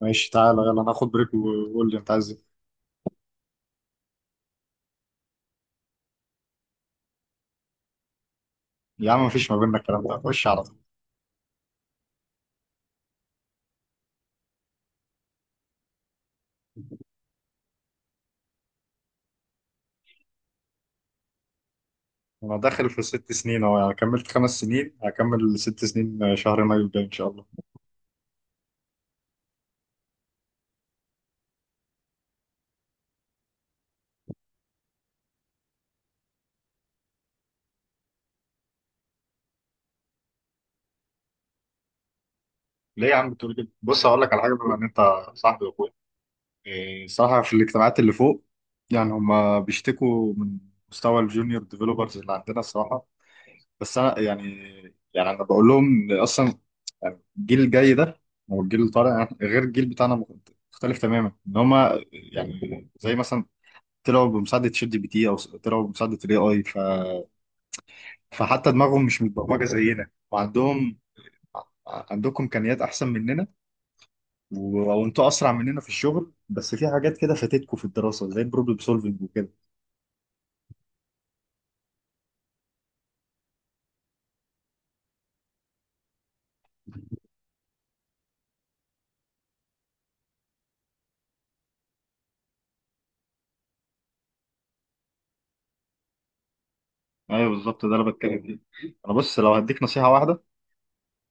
ماشي، تعالى يلا، انا هاخد بريك وقول لي انت عايز ايه؟ يا عم، مفيش ما بيننا الكلام ده، خش على طول. انا داخل في ست سنين اهو، يعني كملت خمس سنين هكمل ست سنين، شهر مايو الجاي ان شاء الله. ليه يا عم بتقول كده؟ بص، هقول لك على حاجه، بما ان انت صاحبي واخويا. الصراحه في الاجتماعات اللي فوق، يعني هما بيشتكوا من مستوى الجونيور ديفلوبرز اللي عندنا الصراحه. بس انا يعني، انا بقول لهم إن اصلا، يعني الجيل الجاي ده والجيل اللي طالع يعني غير الجيل بتاعنا، مختلف تماما، ان هما يعني زي مثلا طلعوا بمساعدة شات جي بي تي، أو طلعوا بمساعدة ال AI، فحتى دماغهم مش متبرمجة زينا، وعندهم ع- عندكم إمكانيات أحسن مننا، و... وأنتوا أسرع مننا في الشغل، بس في حاجات كده فاتتكم في الدراسة زي البروبلم سولفنج وكده. أيوه، بالظبط ده اللي بتكلم فيه. أنا، بص، لو هديك نصيحة واحدة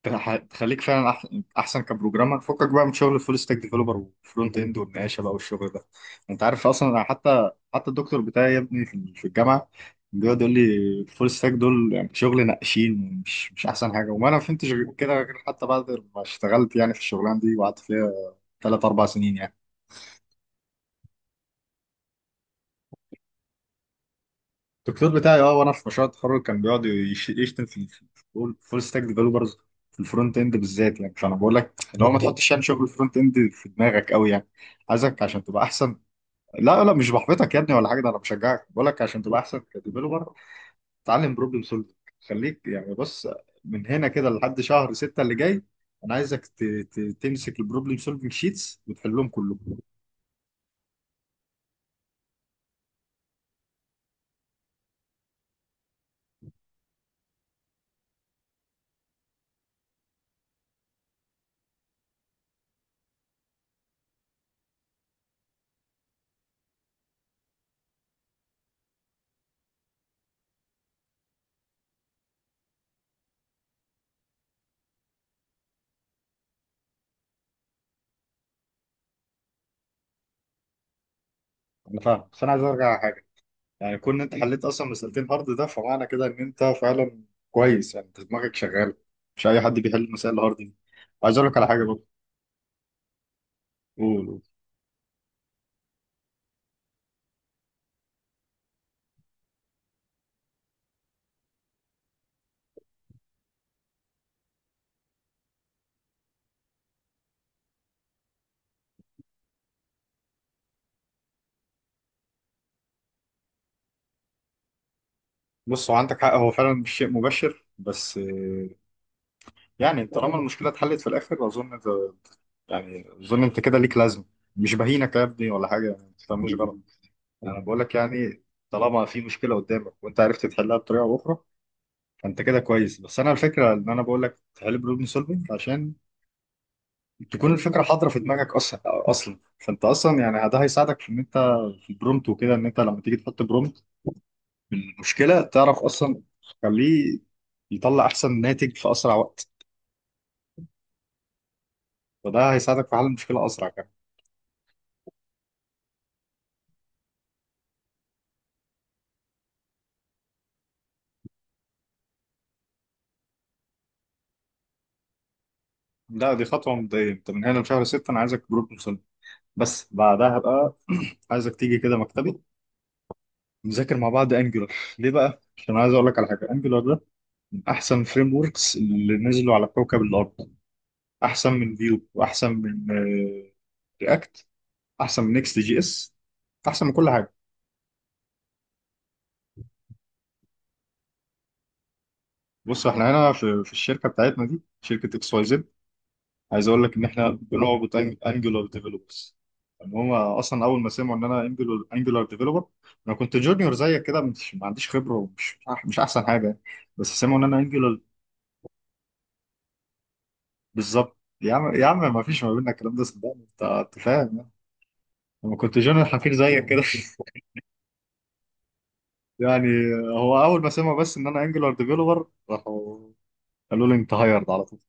تخليك فعلا احسن كبروجرامر، فكك بقى من شغل الفول ستاك ديفلوبر والفرونت اند والنقاشه بقى والشغل ده. انت عارف اصلا، أنا حتى الدكتور بتاعي يا ابني في الجامعه بيقعد يقول لي الفول ستاك دول يعني شغل نقاشين، مش احسن حاجه، وما انا فهمتش غير كده غير حتى بعد ما اشتغلت يعني في الشغلانه دي، وقعدت فيها ثلاث اربع سنين يعني. الدكتور بتاعي، وانا في مشروع التخرج كان بيقعد يشتم في الفول ستاك ديفلوبرز، في الفرونت اند بالذات يعني، فانا بقول لك اللي هو ما تحطش يعني شغل الفرونت اند في دماغك قوي يعني، عايزك عشان تبقى احسن. لا، لا، مش بحبطك يا ابني ولا حاجه، ده انا بشجعك بقول لك عشان تبقى احسن كديفلوبر. اتعلم بروبلم سولفنج، خليك يعني، بص، من هنا كده لحد شهر 6 اللي جاي، انا عايزك تمسك البروبلم سولفنج شيتس وتحلهم كلهم. انا فاهم، بس انا عايز ارجع، يعني كون إن انت حليت اصلا من مسألتين هارد ده، فمعنى كده ان انت فعلا كويس، يعني انت دماغك شغال، مش اي حد بيحل مسائل الهارد دي. عايز اقول لك على حاجه برضه. قول، قول. بص، هو عندك حق، هو فعلا مش شيء مبشر، بس يعني طالما المشكله اتحلت في الاخر، اظن انت كده ليك لازمه. مش بهينك يا ابني ولا حاجه، يعني ما تفهمنيش غلط. انا بقول لك يعني، طالما في مشكله قدامك وانت عرفت تحلها بطريقه او اخرى، فانت كده كويس. بس انا الفكره ان انا بقول لك تحل بروبلم سولفنج عشان تكون الفكره حاضره في دماغك اصلا، اصلا فانت اصلا يعني، ده هيساعدك في ان انت في البرومت وكده، ان انت لما تيجي تحط برومت المشكله، تعرف اصلا تخليه يطلع احسن ناتج في اسرع وقت. فده هيساعدك في حل المشكله اسرع كمان. لا، دي خطوه مبدئيه، انت من هنا لشهر 6 انا عايزك برومت مسلم، بس بعدها بقى عايزك تيجي كده مكتبي، نذاكر مع بعض انجولار. ليه بقى؟ عشان عايز اقول لك على حاجه، انجولار ده من احسن فريم وركس اللي نزلوا على كوكب الارض، احسن من فيو، واحسن من رياكت، احسن من نيكست جي اس، احسن من كل حاجه. بص، احنا هنا في الشركه بتاعتنا دي شركه اكس واي زد، عايز اقول لك ان احنا بنعبط انجولار ديفلوبرز، ان هم اصلا اول ما سمعوا ان انا انجولار ديفلوبر، انا كنت جونيور زيك كده، مش ما عنديش خبره، ومش مش احسن حاجه يعني. بس سمعوا ان انا انجولار. بالظبط يا عم، يا عم، ما فيش ما بيننا الكلام ده صدقني، انت فاهم يعني. لما كنت جونيور حفير زيك كده. يعني هو اول ما سمعوا بس ان انا انجولار ديفلوبر، راحوا قالوا لي انت هايرد على طول.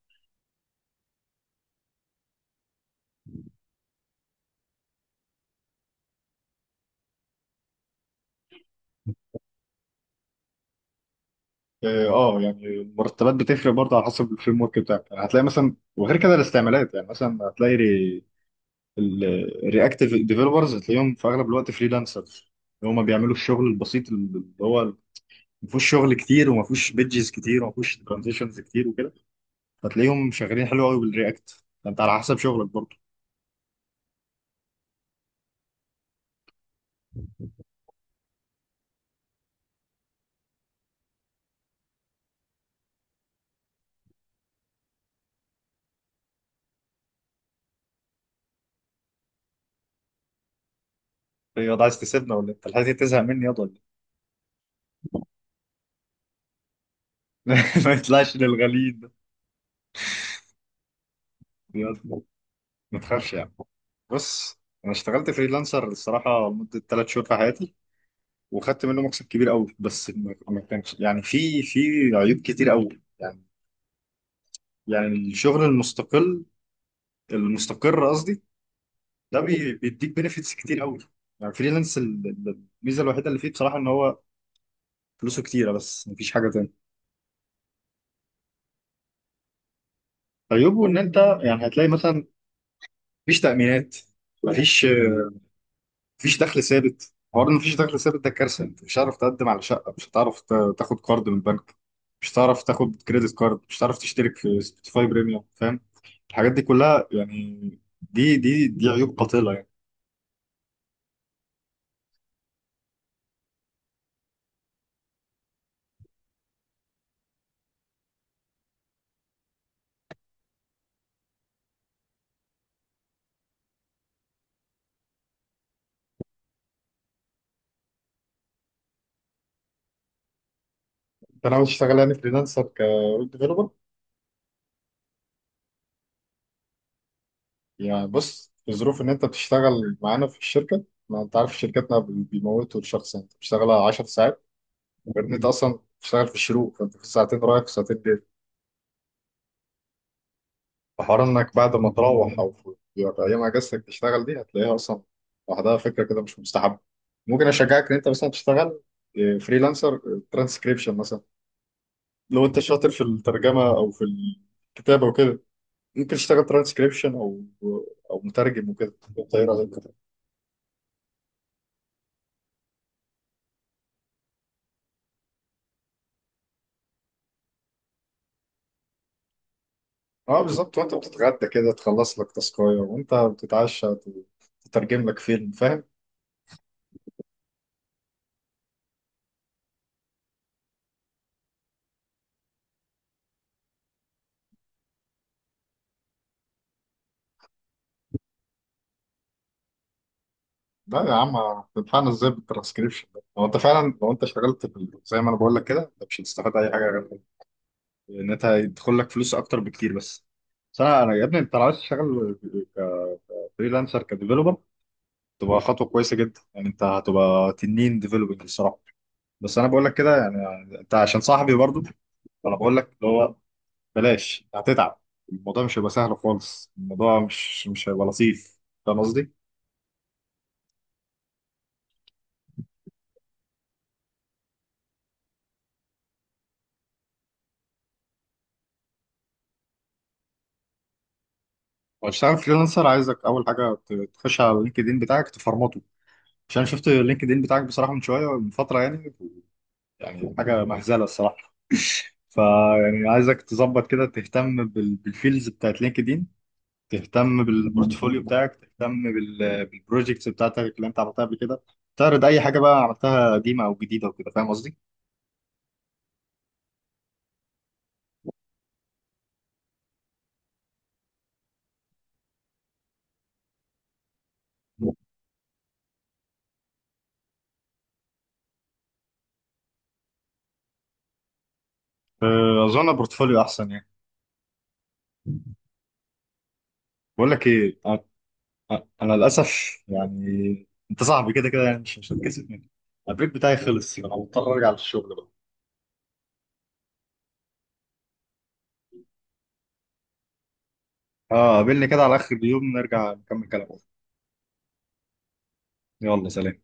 اه، يعني المرتبات بتفرق برضه على حسب الفريم ورك بتاعك يعني، هتلاقي مثلا، وغير كده الاستعمالات يعني، مثلا هتلاقي الرياكتيف ديفلوبرز هتلاقيهم في اغلب الوقت فريلانسرز، اللي هم بيعملوا الشغل البسيط اللي هو ما فيهوش شغل كتير، وما فيهوش بيدجز كتير، وما فيهوش ترانزيشنز كتير وكده، فتلاقيهم شغالين حلو قوي بالرياكت، فانت على حسب شغلك برضه. يا ده، عايز تسيبنا ولا إيه؟ انت لحد تزهق مني يا ده؟ ما يطلعش للغليل ده. ما تخافش يعني، بص، انا اشتغلت فريلانسر الصراحه لمده ثلاث شهور في حياتي، وخدت منه مكسب كبير قوي، بس ما كانش يعني، في عيوب كتير قوي يعني، يعني الشغل المستقل، المستقر قصدي، ده بيديك بنفيتس كتير قوي يعني، فريلانس، الميزه الوحيده اللي فيه بصراحه ان هو فلوسه كتيره، بس مفيش حاجه تانية. عيوبه ان انت يعني هتلاقي مثلا، مفيش تامينات، مفيش دخل ثابت، حوار ان مفيش دخل ثابت ده كارثه، انت مش هتعرف تقدم على شقه، مش هتعرف تاخد كارد من البنك، مش هتعرف تاخد كريدت كارد، مش هتعرف تشترك في سبوتيفاي بريميوم، فاهم؟ الحاجات دي كلها يعني، دي عيوب قاتله يعني. انت ناوي تشتغل يعني فريلانسر كويب ديفلوبر؟ يعني بص، في ظروف ان انت بتشتغل معانا في الشركه، ما انت عارف شركتنا بيموتوا الشخص يعني. انت بتشتغل 10 ساعات، غير ان انت اصلا بتشتغل في الشروق، فانت في ساعتين رايح وساعتين جاي. حوار انك بعد ما تروح، او في ايام اجازتك تشتغل، دي هتلاقيها اصلا لوحدها فكره كده مش مستحبه. ممكن اشجعك ان انت مثلا تشتغل فريلانسر ترانسكريبشن مثلا، لو انت شاطر في الترجمه او في الكتابه وكده، ممكن تشتغل ترانسكريبشن او مترجم وكده. انت ايه رايك؟ اه، بالظبط، وانت بتتغدى كده تخلص لك تاسكايه، وانت بتتعشى تترجم لك فيلم، فاهم؟ لا يا عم، هتنفعنا ازاي بالترانسكريبشن ده؟ لو انت اشتغلت في زي ما انا بقول لك كده، انت مش هتستفاد اي حاجه غير ان انت هيدخل لك فلوس اكتر بكتير بس. بس انا يا ابني، انت لو عايز تشتغل كفريلانسر كديفيلوبر تبقى خطوه كويسه جدا يعني، انت هتبقى تنين ديفيلوبنج الصراحه. بس انا بقول لك كده يعني، انت عشان صاحبي برضو، فانا بقول لك اللي هو بلاش، انت هتتعب، الموضوع مش هيبقى سهل خالص، الموضوع مش هيبقى لطيف، فاهم قصدي؟ وهتشتغل فريلانسر، عايزك اول حاجه تخش على اللينكد ان بتاعك تفرمطه، عشان أنا شفت اللينكد ان بتاعك بصراحه من شويه، من فتره يعني، يعني حاجه مهزله الصراحه. فيعني عايزك تظبط كده، تهتم بالفيلز بتاعت لينكد ان، تهتم بالبورتفوليو بتاعك، تهتم بالبروجيكتس بتاعتك اللي انت عملتها قبل كده، تعرض اي حاجه بقى عملتها قديمه او جديده وكده، فاهم قصدي؟ أه، اظن البورتفوليو احسن يعني. بقول لك ايه؟ انا للاسف يعني، انت صاحبي كده كده يعني، مش هتكسف مني، البريك بتاعي خلص، فانا مضطر ارجع للشغل. اه، قابلني كده على اخر اليوم نرجع نكمل كلام. يلا سلام.